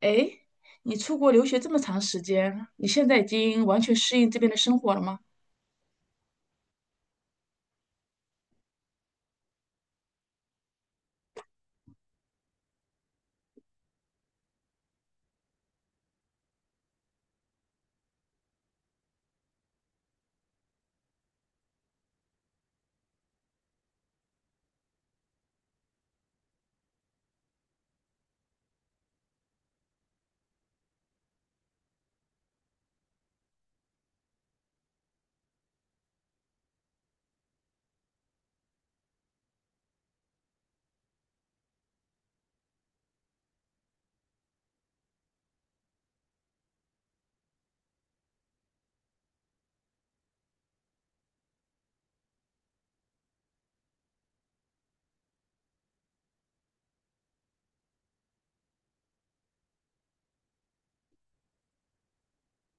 哎，你出国留学这么长时间，你现在已经完全适应这边的生活了吗？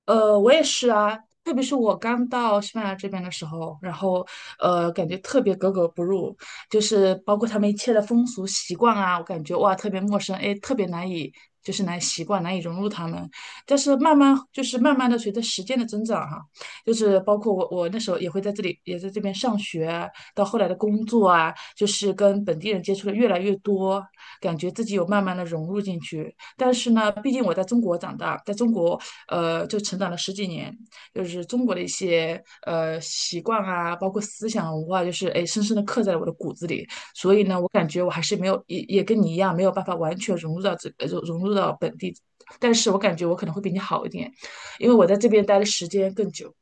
我也是啊，特别是我刚到西班牙这边的时候，然后感觉特别格格不入，就是包括他们一切的风俗习惯啊，我感觉哇，特别陌生，哎，特别难以难以习惯，难以融入他们。但是慢慢慢慢的随着时间的增长哈，就是包括我那时候也会在这里在这边上学，到后来的工作啊，就是跟本地人接触的越来越多，感觉自己有慢慢的融入进去。但是呢，毕竟我在中国长大，在中国就成长了十几年，就是中国的一些习惯啊，包括思想文化，就是哎深深的刻在了我的骨子里。所以呢，我感觉我还是没有也跟你一样，没有办法完全融入到这融入到本地。但是我感觉我可能会比你好一点，因为我在这边待的时间更久。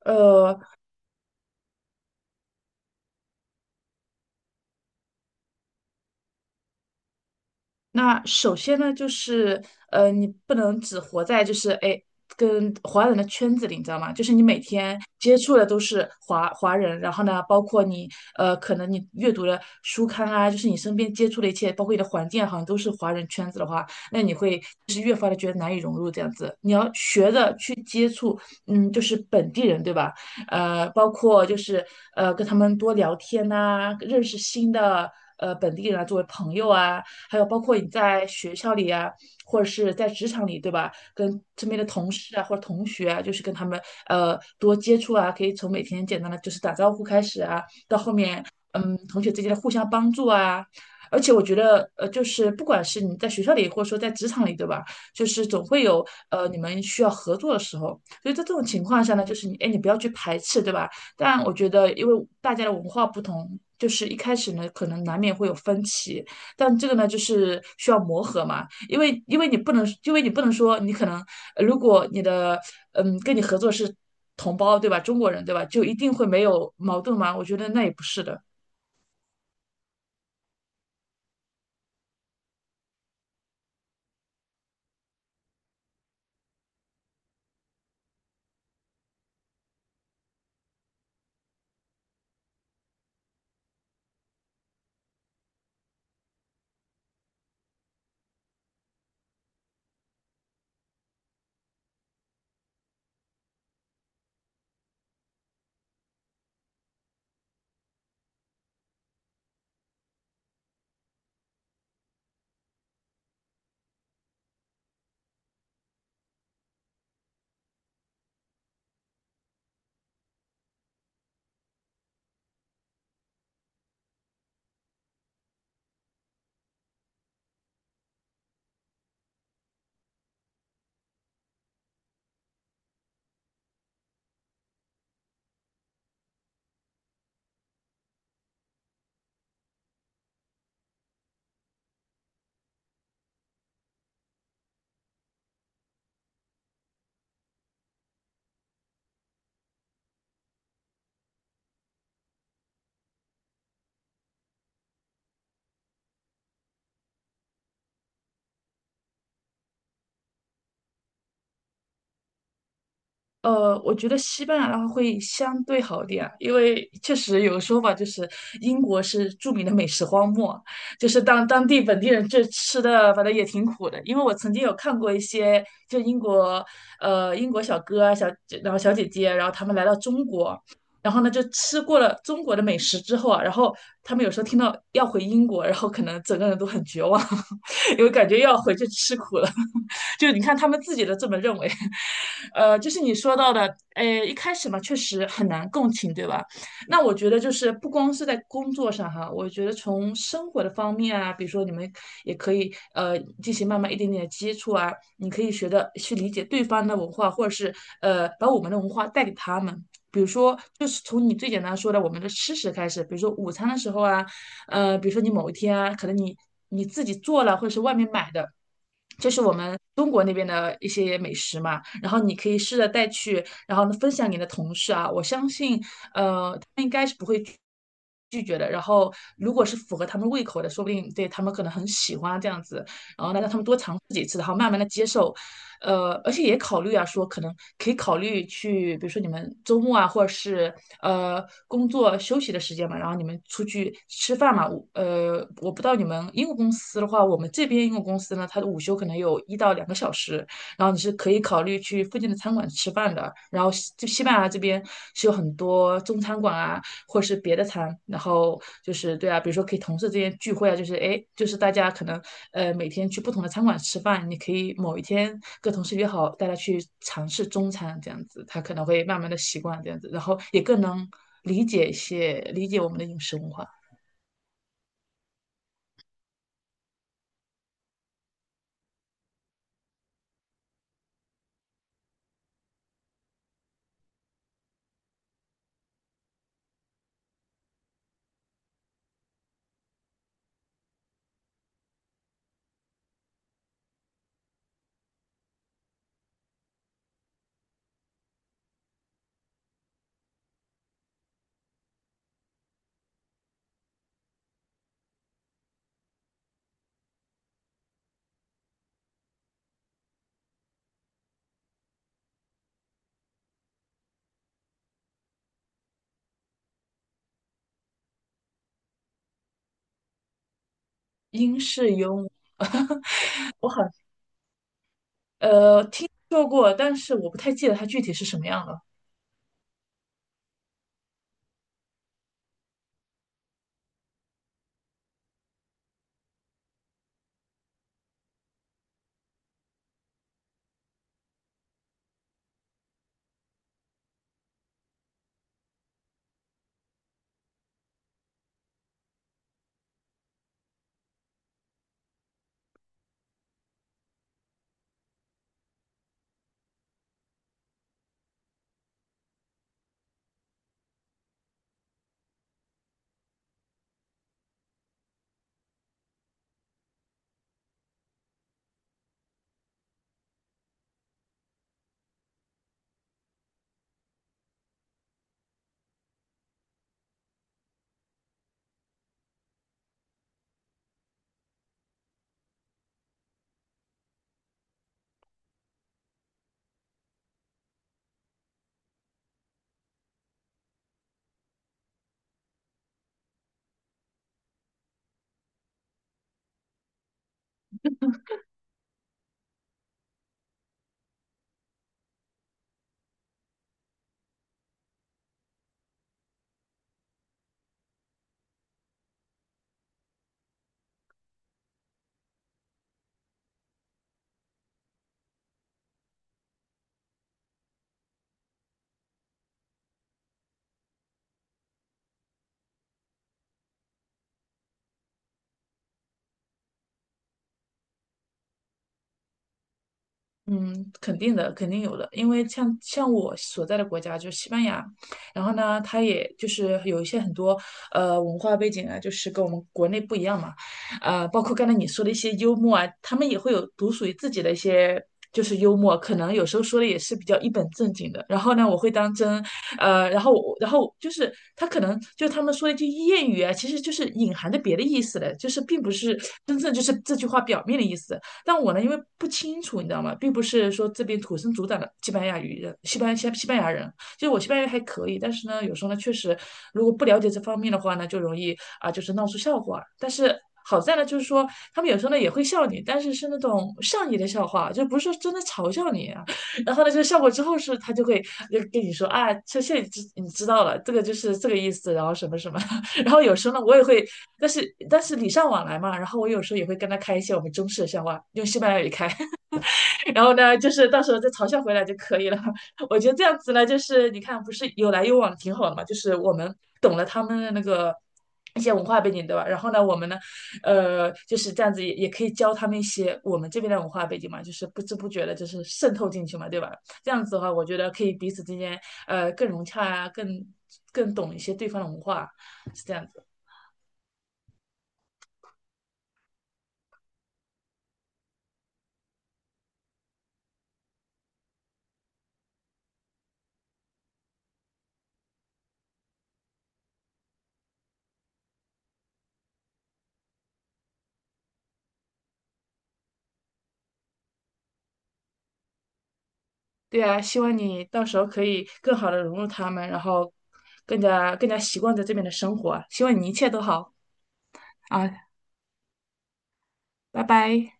呃，那首先呢，你不能只活在跟华人的圈子里，你知道吗？就是你每天接触的都是华人，然后呢，包括你可能你阅读的书刊啊，就是你身边接触的一切，包括你的环境啊好像都是华人圈子的话，那你会越发的觉得难以融入这样子。你要学着去接触，嗯，就是本地人，对吧？呃，包括就是呃，跟他们多聊天呐、认识新的本地人啊，作为朋友啊。还有包括你在学校里啊，或者是在职场里，对吧？跟身边的同事啊或者同学啊，就是跟他们多接触啊，可以从每天简单的就是打招呼开始啊，到后面嗯同学之间的互相帮助啊。而且我觉得，就是不管是你在学校里，或者说在职场里，对吧？就是总会有，你们需要合作的时候。所以在这种情况下呢，就是你，哎，你不要去排斥，对吧？但我觉得，因为大家的文化不同，就是一开始呢，可能难免会有分歧，但这个呢，就是需要磨合嘛，因为你不能，因为你不能说你可能，如果你的跟你合作是同胞，对吧？中国人，对吧？就一定会没有矛盾吗？我觉得那也不是的。我觉得西班牙的话会相对好一点啊，因为确实有个说法就是英国是著名的美食荒漠，就是当地本地人这吃的，反正也挺苦的。因为我曾经有看过一些就英国小哥啊小然后小姐姐，然后他们来到中国。然后呢，就吃过了中国的美食之后啊，然后他们有时候听到要回英国，然后可能整个人都很绝望，因为感觉又要回去吃苦了。就你看他们自己都这么认为，就是你说到的，一开始嘛，确实很难共情，对吧？那我觉得就是不光是在工作上哈，我觉得从生活的方面啊，比如说你们也可以进行慢慢一点点的接触啊，你可以学的去理解对方的文化，或者是把我们的文化带给他们。比如说，就是从你最简单说的我们的吃食开始，比如说午餐的时候啊，比如说你某一天啊，可能你自己做了，或者是外面买的，这是我们中国那边的一些美食嘛，然后你可以试着带去，然后呢分享给你的同事啊，我相信，他们应该是不会拒绝的。然后，如果是符合他们胃口的，说不定对他们可能很喜欢这样子。然后呢让他们多尝试几次，然后慢慢的接受，而且也考虑啊，说可能可以考虑去，比如说你们周末啊，或者是工作休息的时间嘛，然后你们出去吃饭嘛，我不知道你们英国公司的话，我们这边英国公司呢，它的午休可能有一到两个小时，然后你是可以考虑去附近的餐馆吃饭的，然后西班牙这边是有很多中餐馆啊。或是别的餐，然后就是对啊，比如说可以同事之间聚会啊，就是哎，就是大家可能每天去不同的餐馆吃饭，你可以某一天跟同事约好，大家去尝试中餐这样子，他可能会慢慢的习惯这样子，然后也更能理解我们的饮食文化。英式油，我好听说过，但是我不太记得它具体是什么样的。嗯，肯定的，肯定有的，因为像我所在的国家就是西班牙，然后呢，它也就是有一些很多文化背景啊，就是跟我们国内不一样嘛，包括刚才你说的一些幽默啊，他们也会有独属于自己的一些就是幽默，可能有时候说的也是比较一本正经的，然后呢，我会当真，呃，然后我然后就是他可能就是他们说的一句谚语啊，其实就是隐含着别的意思的，就是并不是真正就是这句话表面的意思。但我呢，因为不清楚，你知道吗？并不是说这边土生土长的西班牙语人，西班牙人，就是我西班牙语还可以，但是呢，有时候呢，确实如果不了解这方面的话呢，就容易啊，就是闹出笑话。但是好在呢，就是说他们有时候呢也会笑你，但是是那种善意的笑话，就不是说真的嘲笑你啊。然后呢，就笑过之后是，他就会就跟你说啊，这现在你知道了，这个就是这个意思，然后什么什么。然后有时候呢，我也会，但是礼尚往来嘛，然后我有时候也会跟他开一些我们中式的笑话，用西班牙语开，然后呢，就是到时候再嘲笑回来就可以了。我觉得这样子呢，就是你看，不是有来有往挺好的嘛，就是我们懂了他们的那个。一些文化背景，对吧？然后呢，我们呢，就是这样子也，也可以教他们一些我们这边的文化背景嘛，就是不知不觉的，就是渗透进去嘛，对吧？这样子的话，我觉得可以彼此之间，更融洽啊，更懂一些对方的文化，是这样子。对啊，希望你到时候可以更好的融入他们，然后更加习惯在这边的生活啊希望你一切都好啊，拜拜。